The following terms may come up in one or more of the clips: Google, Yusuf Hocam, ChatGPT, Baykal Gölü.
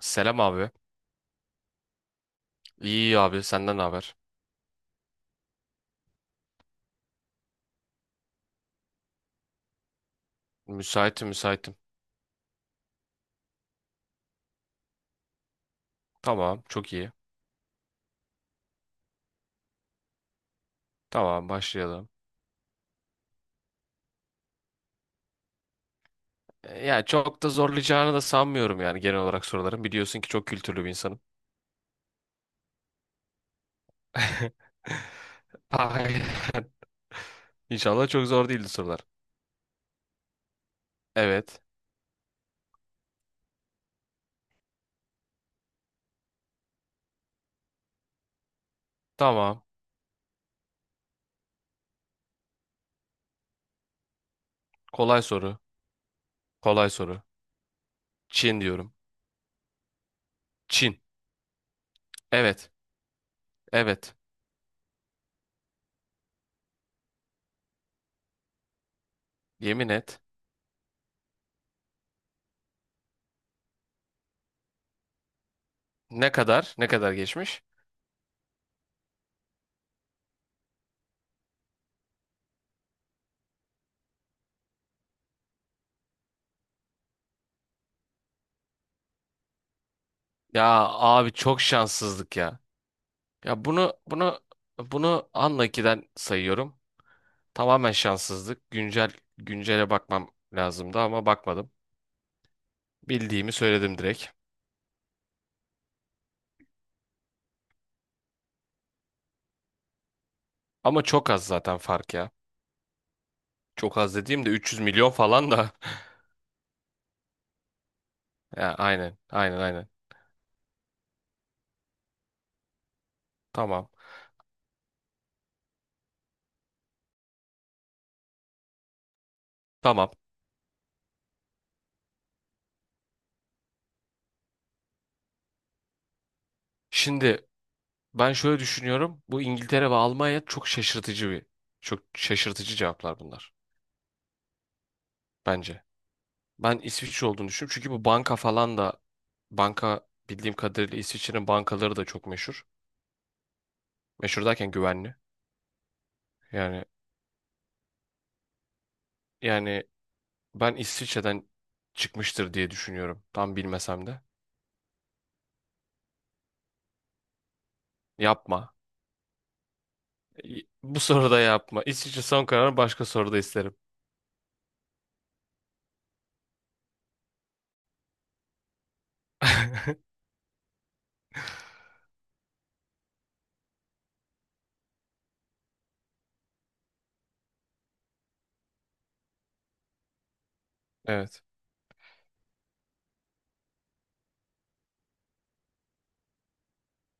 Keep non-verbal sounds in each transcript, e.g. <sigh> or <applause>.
Selam abi. İyi abi senden ne haber? Müsaitim müsaitim. Tamam çok iyi. Tamam başlayalım. Ya çok da zorlayacağını da sanmıyorum yani genel olarak soruların. Biliyorsun ki çok kültürlü bir insanım. <laughs> Ay, <laughs> İnşallah çok zor değildi sorular. Evet. Tamam. Kolay soru. Kolay soru. Çin diyorum. Çin. Evet. Evet. Yemin et. Ne kadar? Ne kadar geçmiş? Ya abi çok şanssızlık ya. Ya bunu anla 2'den sayıyorum. Tamamen şanssızlık. Güncele bakmam lazımdı ama bakmadım. Bildiğimi söyledim direkt. Ama çok az zaten fark ya. Çok az dediğim de 300 milyon falan da. <laughs> Ya aynen, aynen, aynen. Tamam. Tamam. Şimdi ben şöyle düşünüyorum. Bu İngiltere ve Almanya çok şaşırtıcı cevaplar bunlar bence. Ben İsviçre olduğunu düşünüyorum. Çünkü bu banka falan da banka bildiğim kadarıyla İsviçre'nin bankaları da çok meşhur. Meşhur derken güvenli. Yani yani ben İsviçre'den çıkmıştır diye düşünüyorum. Tam bilmesem de. Yapma. Bu soruda yapma. İsviçre son kararı başka soruda isterim. Evet.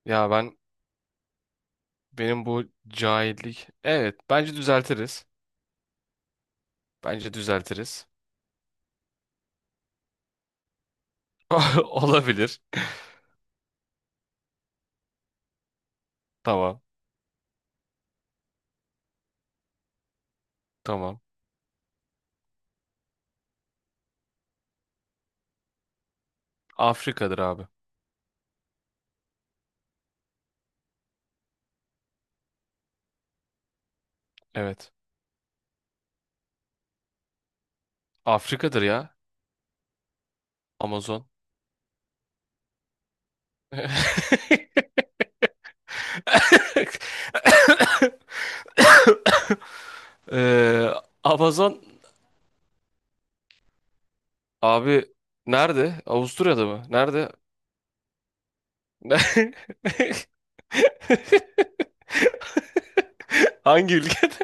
Ya benim bu cahillik. Evet, bence düzeltiriz. Bence düzeltiriz. <laughs> Olabilir. Tamam. Tamam. Afrika'dır abi. Evet. Afrika'dır ya. Amazon. <laughs> Ee, Amazon. Abi nerede? Avusturya'da mı? Nerede? Ne- <laughs> Hangi ülkede?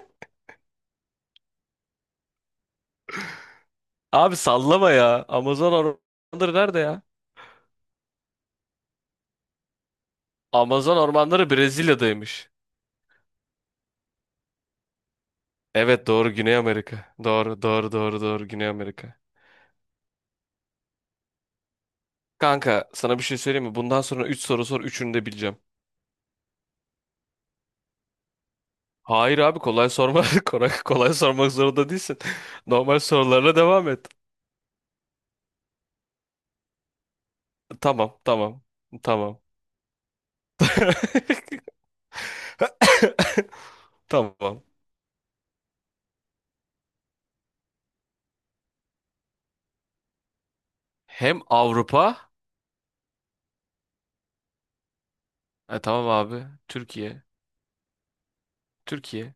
Abi sallama ya. Amazon ormanları nerede ya? Amazon ormanları Brezilya'daymış. Evet doğru Güney Amerika. Doğru doğru doğru doğru Güney Amerika. Kanka sana bir şey söyleyeyim mi? Bundan sonra 3 soru sor üçünü de bileceğim. Hayır abi kolay sorma. <laughs> Kolay sormak zorunda değilsin. Normal sorularla devam et. Tamam tamam tamam. <laughs> Tamam. Hem Avrupa. Tamam abi. Türkiye. Türkiye.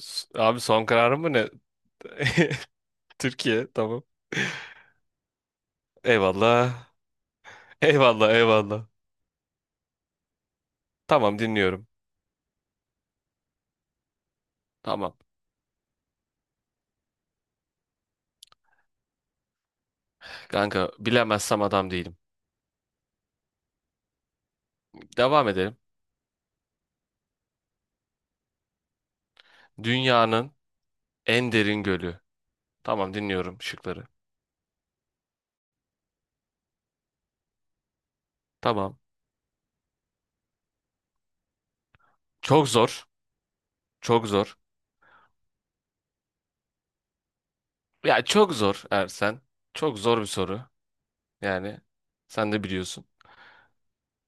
Abi son kararım mı ne? <laughs> Türkiye. Tamam. Eyvallah. Eyvallah eyvallah. Tamam dinliyorum. Tamam. Kanka bilemezsem adam değilim. Devam edelim. Dünyanın en derin gölü. Tamam dinliyorum şıkları. Tamam. Çok zor. Çok zor. Ya çok zor Ersen. Çok zor bir soru. Yani sen de biliyorsun.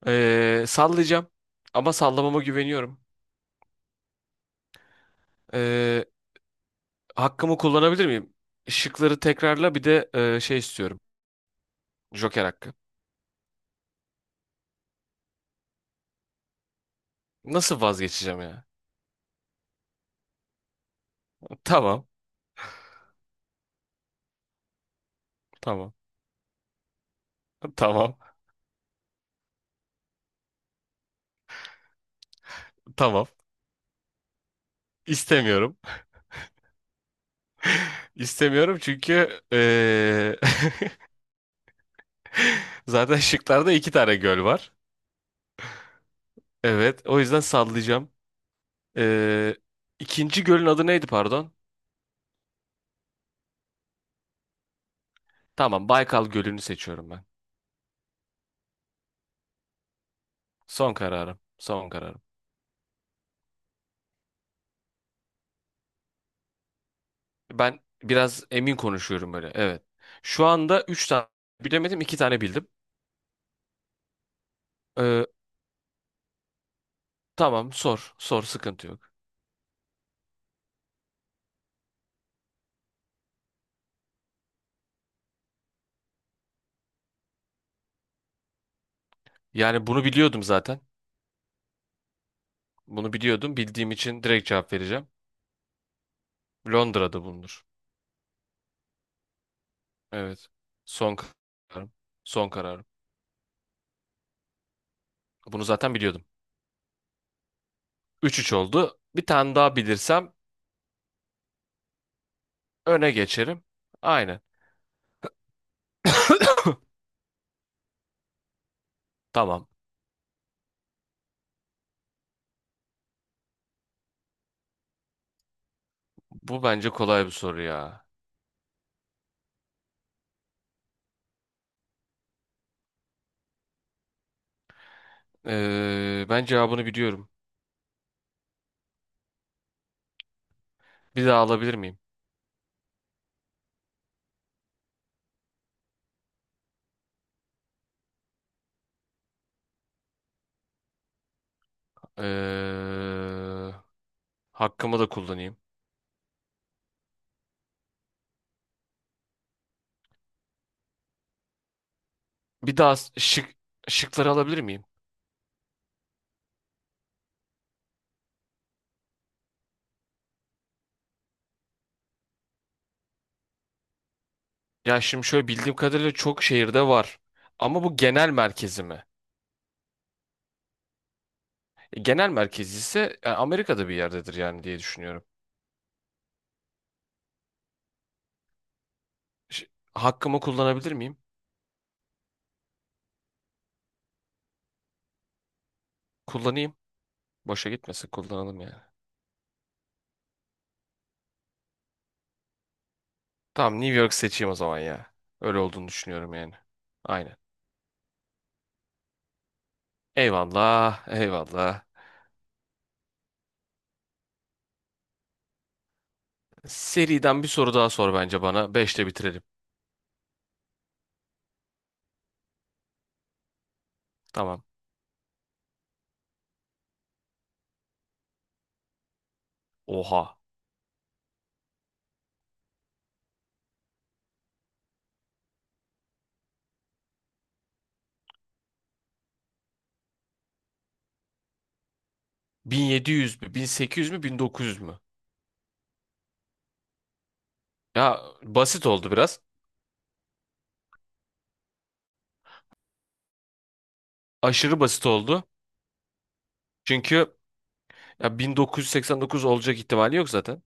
Sallayacağım. Ama sallamama güveniyorum. Ee, Hakkımı kullanabilir miyim? Şıkları tekrarla bir de şey istiyorum. Joker hakkı. Nasıl vazgeçeceğim ya? Tamam. Tamam. Tamam. Tamam. İstemiyorum. <laughs> İstemiyorum çünkü <laughs> zaten şıklarda iki tane göl var. Evet. O yüzden sallayacağım. E, ikinci gölün adı neydi pardon? Tamam. Baykal Gölü'nü seçiyorum ben. Son kararım. Son kararım. Ben biraz emin konuşuyorum böyle. Evet. Şu anda üç tane bilemedim. İki tane bildim. E, Tamam sor. Sor sıkıntı yok. Yani bunu biliyordum zaten. Bunu biliyordum. Bildiğim için direkt cevap vereceğim. Londra'da bulunur. Evet. Son kararım. Son kararım. Bunu zaten biliyordum. 3-3 oldu. Bir tane daha bilirsem öne geçerim. Aynen. <coughs> Tamam. Bu bence kolay bir soru ya. Ben cevabını biliyorum. Bir daha alabilir miyim? Ee, hakkımı da kullanayım. Bir daha şıkları alabilir miyim? Ya şimdi şöyle bildiğim kadarıyla çok şehirde var. Ama bu genel merkezi mi? Genel merkezi ise Amerika'da bir yerdedir yani diye düşünüyorum. Ş- Hakkımı kullanabilir miyim? Kullanayım. Boşa gitmesin kullanalım yani. Tamam New York seçeyim o zaman ya. Öyle olduğunu düşünüyorum yani. Aynen. Eyvallah, eyvallah. Seriden bir soru daha sor bence bana. Beşte bitirelim. Tamam. Oha. 1700 mü? 1800 mü? 1900 mü? Ya basit oldu biraz. Aşırı basit oldu. Çünkü Ya 1989 olacak ihtimali yok zaten.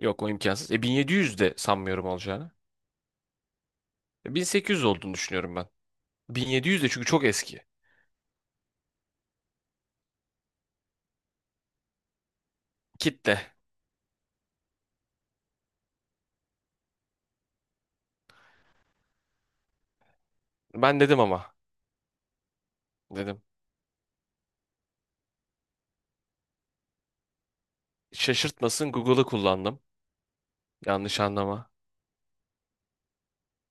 Yok o imkansız. 1700 de sanmıyorum olacağını. 1800 olduğunu düşünüyorum ben. 1700 de çünkü çok eski. Kitle. Ben dedim ama. Dedim. Şaşırtmasın Google'ı kullandım. Yanlış anlama.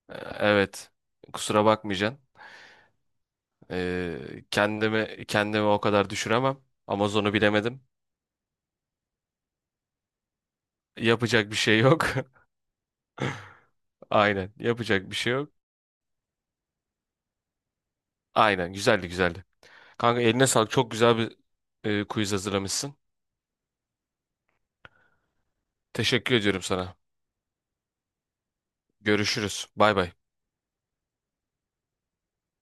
Evet. Kusura bakmayacaksın. Kendimi o kadar düşüremem. Amazon'u bilemedim. Yapacak bir şey yok. <laughs> Aynen. Yapacak bir şey yok. Aynen. Güzeldi güzeldi. Kanka eline sağlık. Çok güzel bir quiz hazırlamışsın. Teşekkür ediyorum sana. Görüşürüz. Bay bay.